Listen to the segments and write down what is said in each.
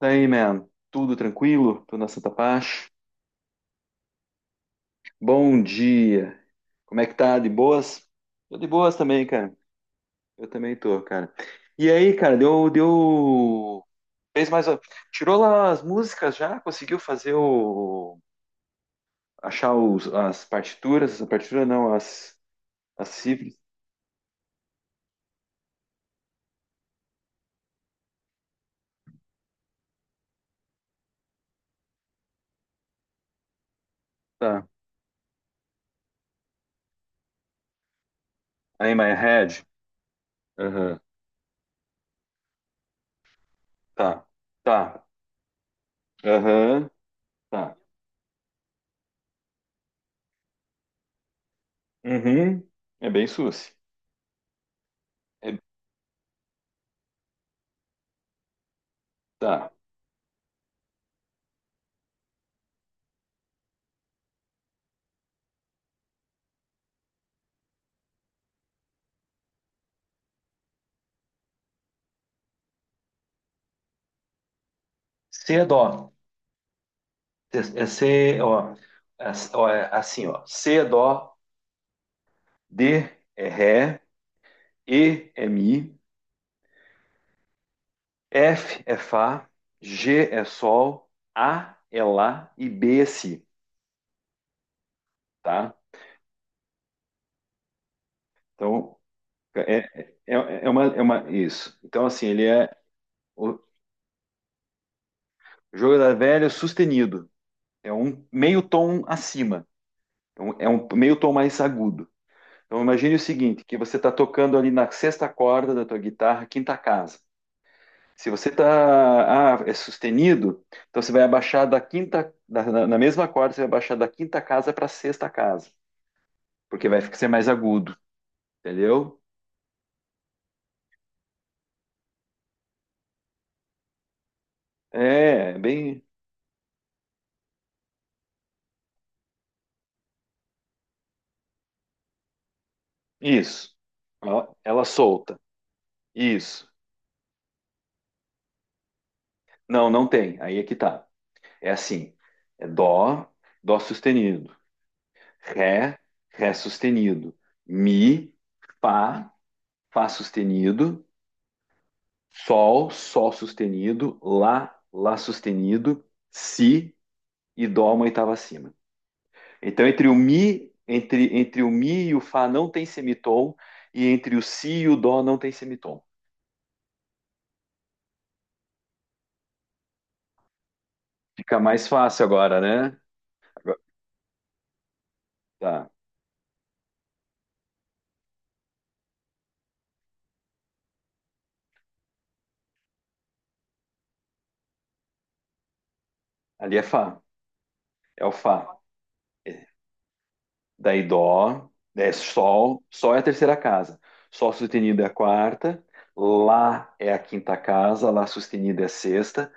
Daí, man, tudo tranquilo? Tudo na Santa Paz? Bom dia! Como é que tá? De boas? Tô de boas também, cara. Eu também tô, cara. E aí, cara, deu... Fez mais... Tirou lá as músicas já? Conseguiu fazer o... Achar as partituras? A partitura não, as cifras. Tá. Aí, my head. Aham. Tá. Tá. Aham. Tá. Uhum. É bem suci. É- Tá. C é dó. É C, ó, é assim, ó. C é dó, D é ré, E é mi, F é fá, G é sol, A é lá e B é si, tá? Então, é, é, é é uma, isso. Então, assim, ele é o jogo da velha sustenido. É um meio tom acima. Então, é um meio tom mais agudo. Então, imagine o seguinte, que você está tocando ali na sexta corda da tua guitarra, quinta casa. Se você tá, é sustenido, então você vai abaixar da quinta, na mesma corda, você vai abaixar da quinta casa para a sexta casa, porque vai ficar ser mais agudo, entendeu? É, é bem isso. Ela solta. Isso. Não, não tem. Aí é que tá. É assim. É dó, dó sustenido, ré, ré sustenido, mi, fá, fá sustenido, sol, sol sustenido, lá, lá sustenido, si e dó uma oitava acima. Então, entre o mi e o fá não tem semitom, e entre o si e o dó não tem semitom. Fica mais fácil agora, né? Agora- tá. Ali é fá, é o fá. É. Daí dó, é sol, sol é a terceira casa. Sol sustenido é a quarta, lá é a quinta casa, lá sustenido é a sexta,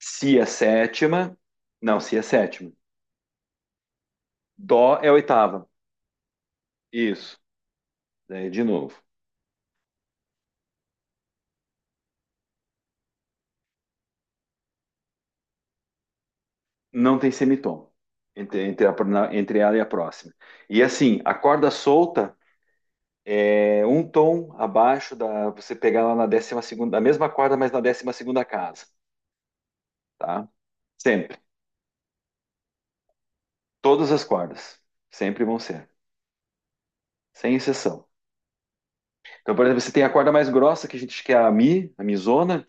si é a sétima, não, si é a sétima. Dó é a oitava. Isso. Daí de novo. Não tem semitom entre ela e a próxima. E assim, a corda solta é um tom abaixo da você pegar lá na décima segunda, a mesma corda, mas na décima segunda casa, tá? Sempre. Todas as cordas sempre vão ser, sem exceção. Então, por exemplo, você tem a corda mais grossa que a gente que é a mi, a mizona,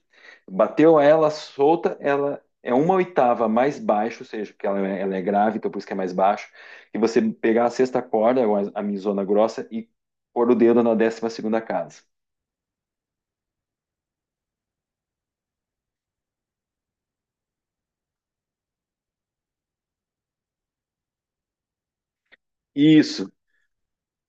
bateu ela solta, ela é uma oitava mais baixo, ou seja, porque ela é grave, então por isso que é mais baixo. E você pegar a sexta corda, ou a mizona grossa, e pôr o dedo na décima segunda casa. Isso,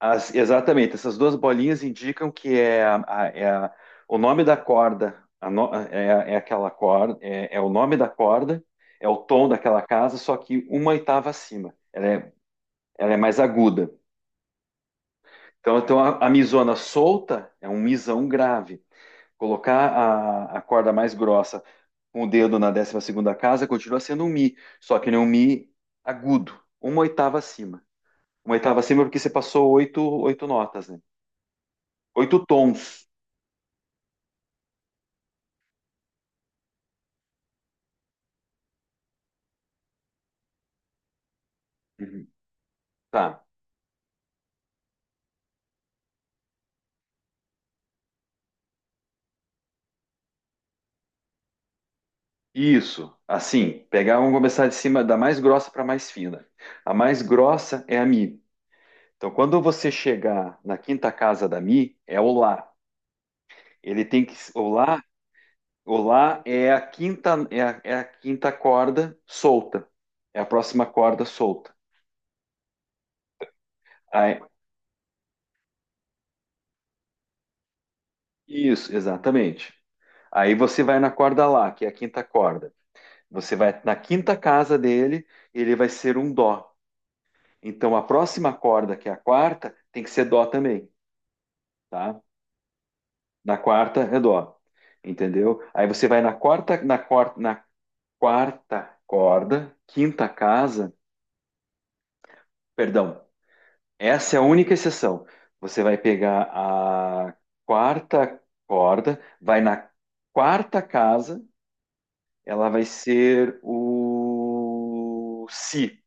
as- exatamente. Essas duas bolinhas indicam que é, é o nome da corda, a no- é, é aquela corda, é, é o nome da corda, é o tom daquela casa, só que uma oitava acima. Ela é mais aguda. Então, então a misona solta é um misão grave. Colocar a corda mais grossa com o dedo na décima segunda casa continua sendo um mi, só que não é um mi agudo, uma oitava acima. Uma oitava acima porque você passou oito, oito notas, né? Oito tons. Uhum. Tá. Isso, assim, pegar, vamos começar de cima da mais grossa para a mais fina. A mais grossa é a Mi. Então, quando você chegar na quinta casa da Mi, é o Lá. Ele tem que, o Lá, o Lá é a quinta, é a quinta corda solta. É a próxima corda solta. Aí- isso, exatamente. Aí você vai na corda Lá, que é a quinta corda. Você vai na quinta casa dele, ele vai ser um Dó. Então a próxima corda, que é a quarta, tem que ser Dó também, tá? Na quarta é Dó. Entendeu? Aí você vai na quarta corda, quinta casa, perdão, essa é a única exceção. Você vai pegar a quarta corda, vai na quarta casa, ela vai ser o si.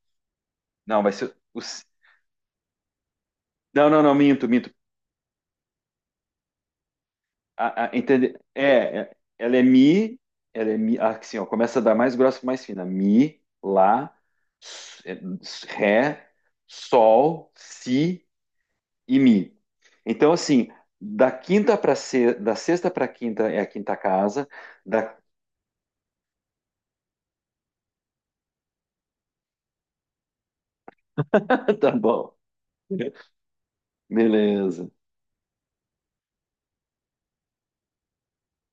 Não, vai ser o si. Não, não, não, minto, minto. Entende? É, é- ela é mi, ah, assim, ó, começa da mais grossa para mais fina. Mi, lá, s- é, s- ré, sol, si e Mi. Então, assim, da quinta para se... da sexta para quinta é a quinta casa. Da... Tá bom. Beleza.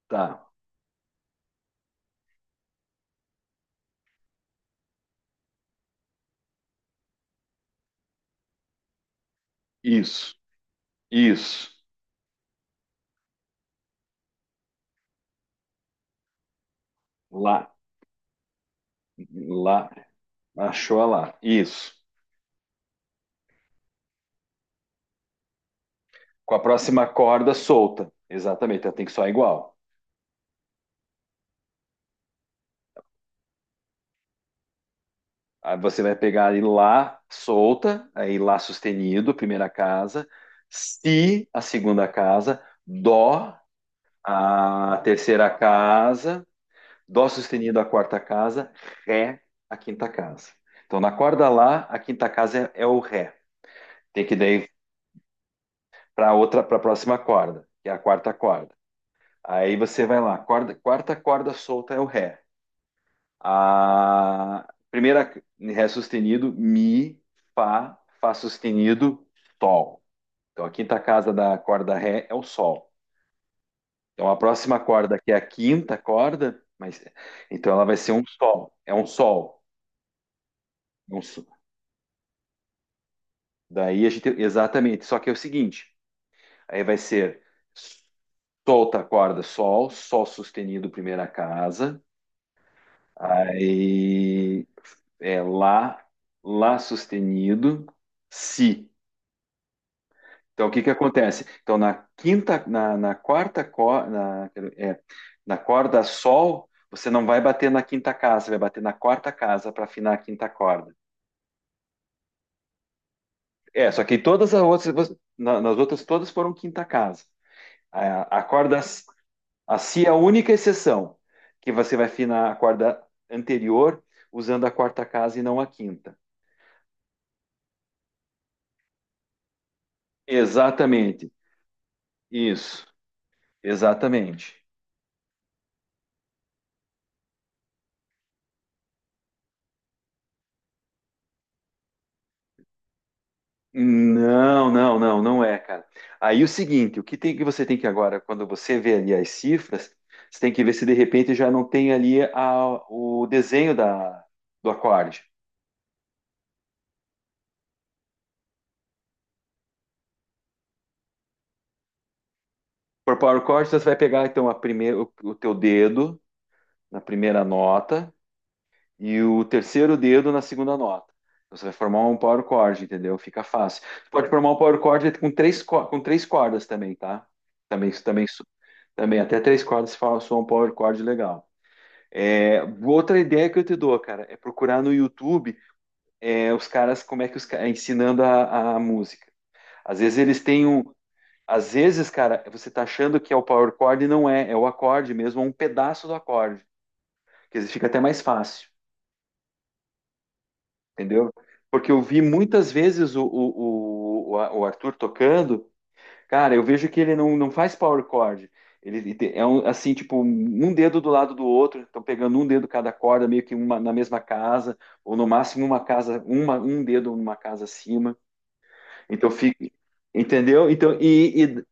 Tá. Isso. Isso. Lá. Lá. Achou a lá. Isso. Com a próxima corda solta. Exatamente. Ela tem que soar igual. Aí você vai pegar aí lá solta, aí lá sustenido, primeira casa, si, a segunda casa, dó, a terceira casa, Dó sustenido a quarta casa, Ré a quinta casa. Então, na corda Lá, a quinta casa é, é o Ré. Tem que daí para outra, para a próxima corda, que é a quarta corda. Aí você vai lá, corda, quarta corda solta é o Ré. A primeira Ré sustenido, Mi, Fá, Fá sustenido, Sol. Então, a quinta casa da corda Ré é o Sol. Então, a próxima corda, que é a quinta corda, mas então ela vai ser um Sol. É um Sol. Um, daí a gente, exatamente, só que é o seguinte, aí vai ser solta a corda sol, sol sustenido primeira casa, aí é lá, lá sustenido, si. Então o que que acontece? Na quarta corda, na corda sol, você não vai bater na quinta casa, você vai bater na quarta casa para afinar a quinta corda. É, só que todas as outras, nas outras todas foram quinta casa. A corda A CIA é a única exceção, que você vai afinar a corda anterior usando a quarta casa e não a quinta. Exatamente. Isso. Exatamente. Não, não, não, não é, cara. Aí o seguinte, o que tem que você tem que agora, quando você vê ali as cifras, você tem que ver se de repente já não tem ali o desenho do acorde. Por power chord, você vai pegar então a primeira, o teu dedo na primeira nota, e o terceiro dedo na segunda nota. Então, você vai formar um power chord, entendeu? Fica fácil. Você pode formar um power chord com três, com três cordas também, tá? Também, também, su- também até três cordas se fala, soa um power chord legal. É, outra ideia que eu te dou, cara, é procurar no YouTube é, os caras, como é que os caras ensinando a música. Às vezes eles têm um. Às vezes, cara, você tá achando que é o power chord e não é, é o acorde mesmo, é um pedaço do acorde, que às vezes fica até mais fácil. Entendeu? Porque eu vi muitas vezes o Arthur tocando, cara, eu vejo que ele não, não faz power chord. Ele te- é um, assim, tipo, um dedo do lado do outro, estão pegando um dedo cada corda, meio que uma, na mesma casa, ou no máximo uma casa, uma, um dedo numa casa acima. Então fica, entendeu? Então, e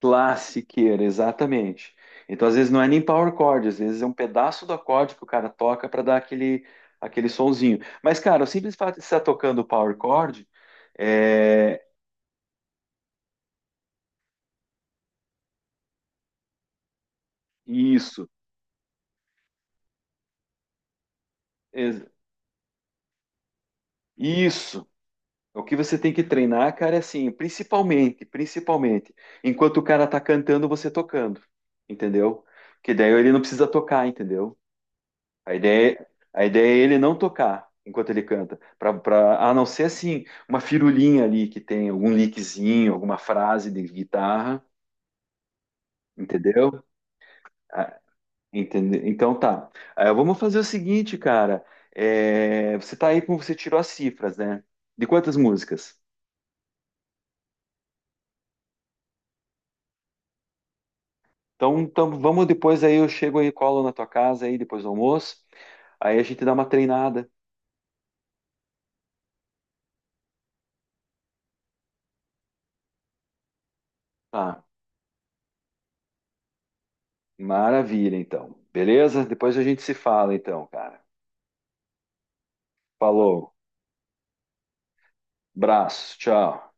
classiqueira, exatamente. Então, às vezes, não é nem power chord, às vezes é um pedaço do acorde que o cara toca para dar aquele, aquele sonzinho. Mas, cara, o simples fato de estar tocando power chord é isso, ex- isso. O que você tem que treinar, cara, é assim, principalmente, principalmente, enquanto o cara tá cantando, você tocando, entendeu? Que daí ele não precisa tocar, entendeu? A ideia, a ideia é ele não tocar enquanto ele canta, pra, pra- a não ser assim, uma firulinha ali que tem algum lickzinho, alguma frase de guitarra, entendeu? Ah, entende- então tá. Ah, vamos fazer o seguinte, cara. É, você tá aí com você tirou as cifras, né? De quantas músicas? Então, então vamos depois aí, eu chego aí, colo na tua casa aí depois do almoço. Aí a gente dá uma treinada. Tá, maravilha então. Beleza? Depois a gente se fala então, cara. Falou. Abraço, tchau.